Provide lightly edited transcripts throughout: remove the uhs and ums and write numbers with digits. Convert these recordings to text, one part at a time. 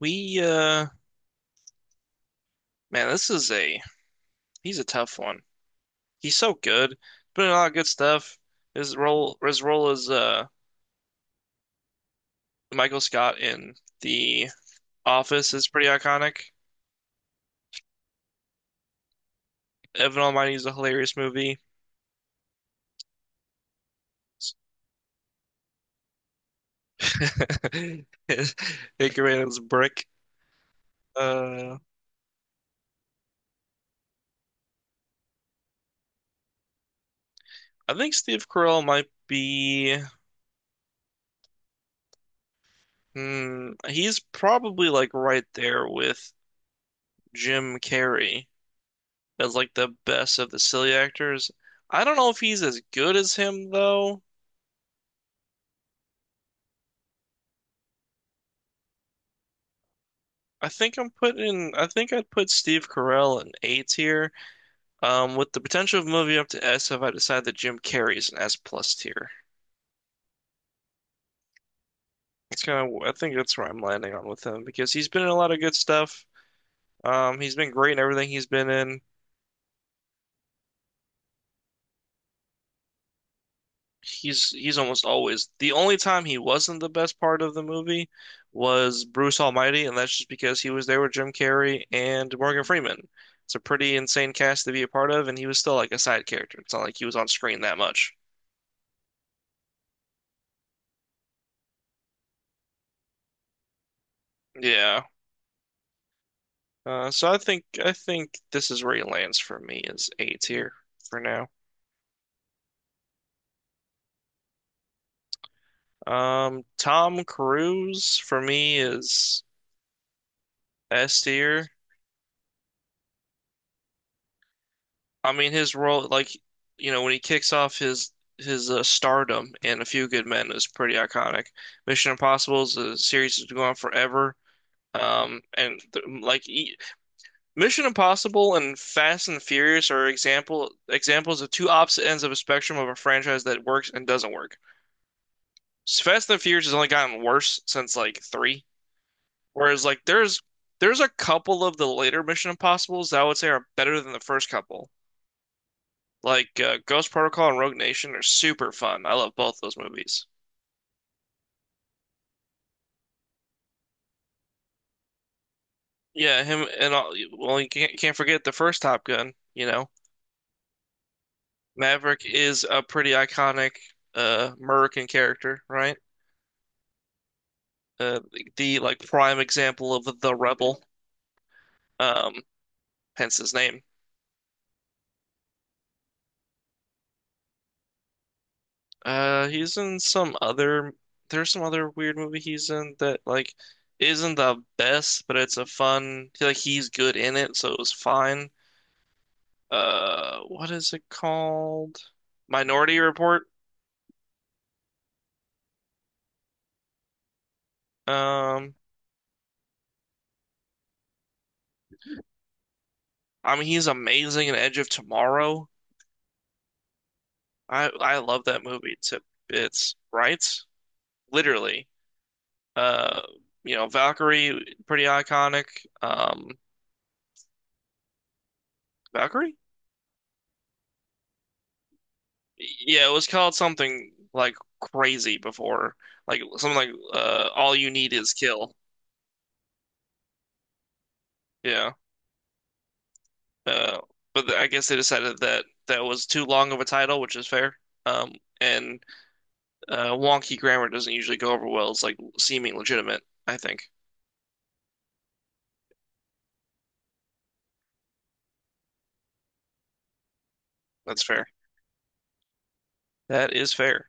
We uh this is a He's a tough one. He's so good. Put in a lot of good stuff. His role as Michael Scott in The Office is pretty iconic. Evan Almighty is a hilarious movie. Edgar Wright's Brick. Uh I think Steve Carell might be he's probably like right there with Jim Carrey as like the best of the silly actors. I don't know if he's as good as him though. I think I'd put Steve Carell in A tier, with the potential of moving up to S if I decide that Jim Carrey's an S plus tier. It's kind of I think that's where I'm landing on with him because he's been in a lot of good stuff. He's been great in everything he's been in. He's almost always the only time he wasn't the best part of the movie was Bruce Almighty, and that's just because he was there with Jim Carrey and Morgan Freeman. It's a pretty insane cast to be a part of, and he was still like a side character. It's not like he was on screen that much. Yeah. So I think this is where he lands for me is A tier for now. Tom Cruise for me is S tier. I mean, his role, like, you know, when he kicks off his stardom in A Few Good Men is pretty iconic. Mission Impossible is a series that's gone on forever. And th like e Mission Impossible and Fast and Furious are examples of two opposite ends of a spectrum of a franchise that works and doesn't work. Fast and Furious has only gotten worse since like three, whereas like there's a couple of the later Mission Impossibles that I would say are better than the first couple. Like Ghost Protocol and Rogue Nation are super fun. I love both those movies. Yeah, him and all, well, you can't forget the first Top Gun, you know. Maverick is a pretty iconic American character, right? The, like prime example of the rebel. Um Hence his name. He's in some other there's some other weird movie he's in that like isn't the best, but it's a fun like he's good in it, so it was fine. What is it called? Minority Report. Um I mean he's amazing in Edge of Tomorrow. I love that movie to bits, right? Literally. Uh you know, Valkyrie, pretty iconic. Um Valkyrie? Yeah, it was called something like crazy before. Like something like All You Need Is Kill. Yeah. Uh but I guess they decided that that was too long of a title, which is fair. Um and Wonky grammar doesn't usually go over well. It's like seeming legitimate, I think. That's fair. That is fair.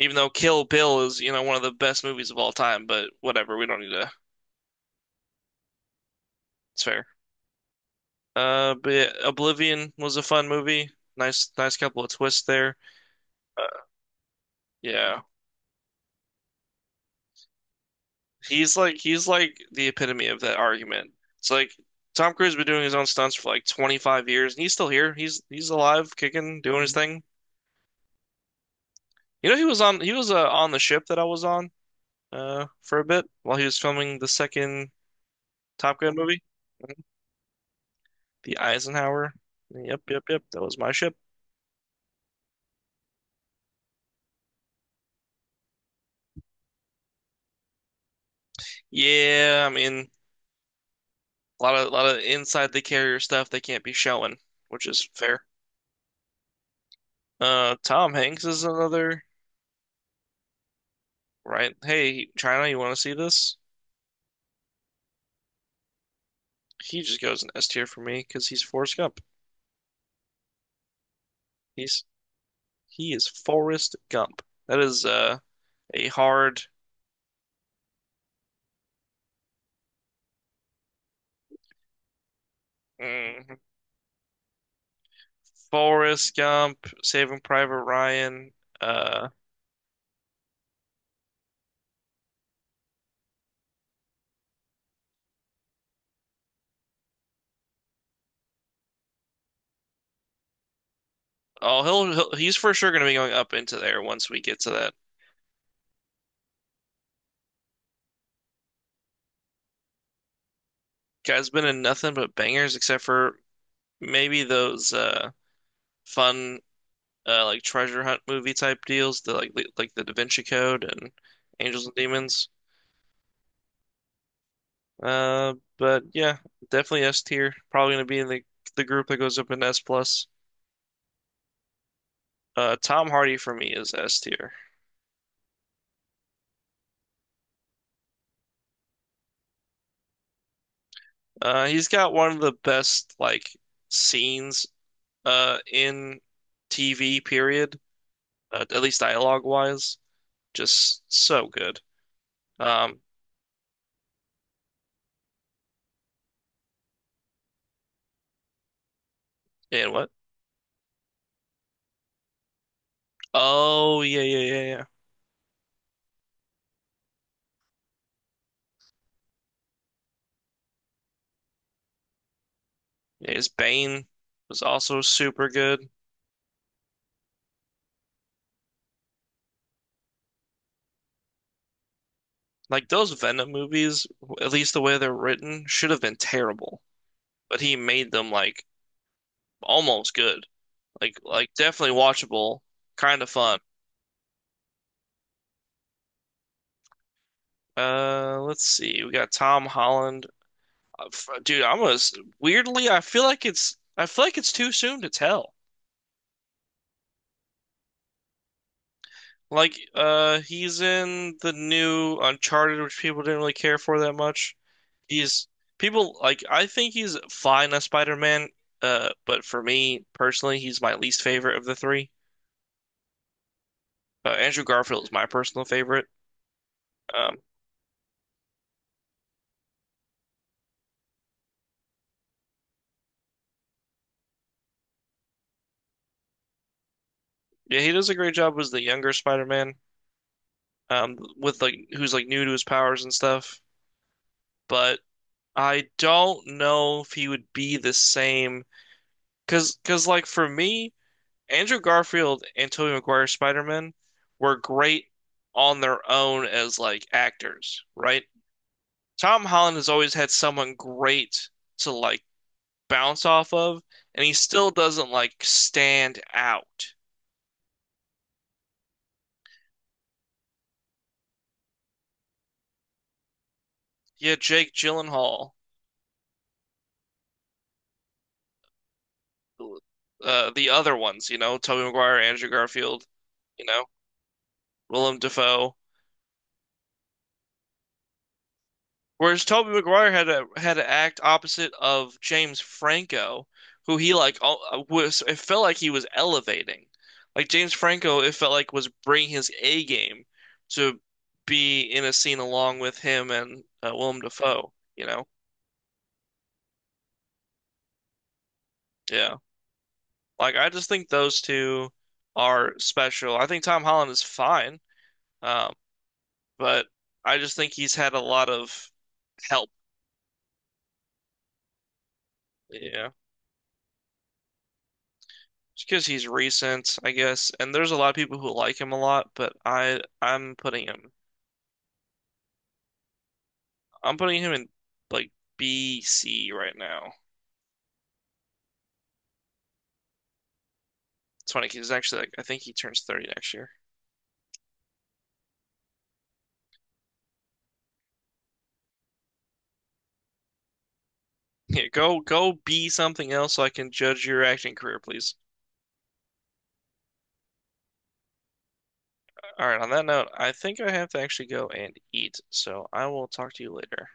Even though Kill Bill is, you know, one of the best movies of all time, but whatever, we don't need to. It's fair. But yeah, Oblivion was a fun movie. Nice, nice couple of twists there. Uh, yeah, he's like the epitome of that argument. It's like Tom Cruise has been doing his own stunts for like 25 years, and he's still here. He's alive, kicking, doing his thing. You know, he was on the ship that I was on. For a bit while he was filming the second Top Gun movie, mhm, the Eisenhower. Yep, yep, yep. That was my ship. Yeah, I mean, a lot of inside the carrier stuff they can't be showing, which is fair. Tom Hanks is another, right? Hey, China, you want to see this? He just goes in S tier for me because he's Forrest Gump. He's he is Forrest Gump. That is a hard mm, Forrest Gump, Saving Private Ryan, uh. Oh, he's for sure going to be going up into there once we get to that. Guy's been in nothing but bangers except for maybe those fun like treasure hunt movie type deals, like the Da Vinci Code and Angels and Demons. But yeah, definitely S tier. Probably going to be in the group that goes up in S plus. Tom Hardy for me is S tier. He's got one of the best like scenes in TV period, at least dialogue wise. Just so good. Um, and what? Oh, yeah, yeah, yeah, yeah. Yeah, his Bane was also super good. Like those Venom movies, at least the way they're written, should have been terrible, but he made them like almost good. Like definitely watchable, kind of fun. Let's see. We got Tom Holland. F- Dude, I'm gonna, s- Weirdly, I feel like it's too soon to tell. Like, he's in the new Uncharted, which people didn't really care for that much. He's People like I think he's fine as Spider-Man, but for me personally, he's my least favorite of the three. Andrew Garfield is my personal favorite. Um, yeah, he does a great job as the younger Spider-Man, with like who's like new to his powers and stuff. But I don't know if he would be the same, cause like for me. Andrew Garfield and Tobey Maguire's Spider-Man were great on their own as like actors, right? Tom Holland has always had someone great to like bounce off of, and he still doesn't like stand out. Yeah, Jake Gyllenhaal, the other ones, you know, Tobey Maguire, Andrew Garfield, you know, Willem Dafoe. Whereas Toby Maguire had to act opposite of James Franco, who he like al- was. It felt like he was elevating. Like James Franco, it felt like was bringing his A game to be in a scene along with him and Willem Dafoe. You know, yeah. Like I just think those two are special. I think Tom Holland is fine, um, but I just think he's had a lot of help. Yeah. Just because he's recent, I guess. And there's a lot of people who like him a lot, but I'm putting him in like B C right now. It's funny 'cause he's actually like I think he turns 30 next year. Yeah, go be something else so I can judge your acting career, please. All right, on that note, I think I have to actually go and eat, so I will talk to you later.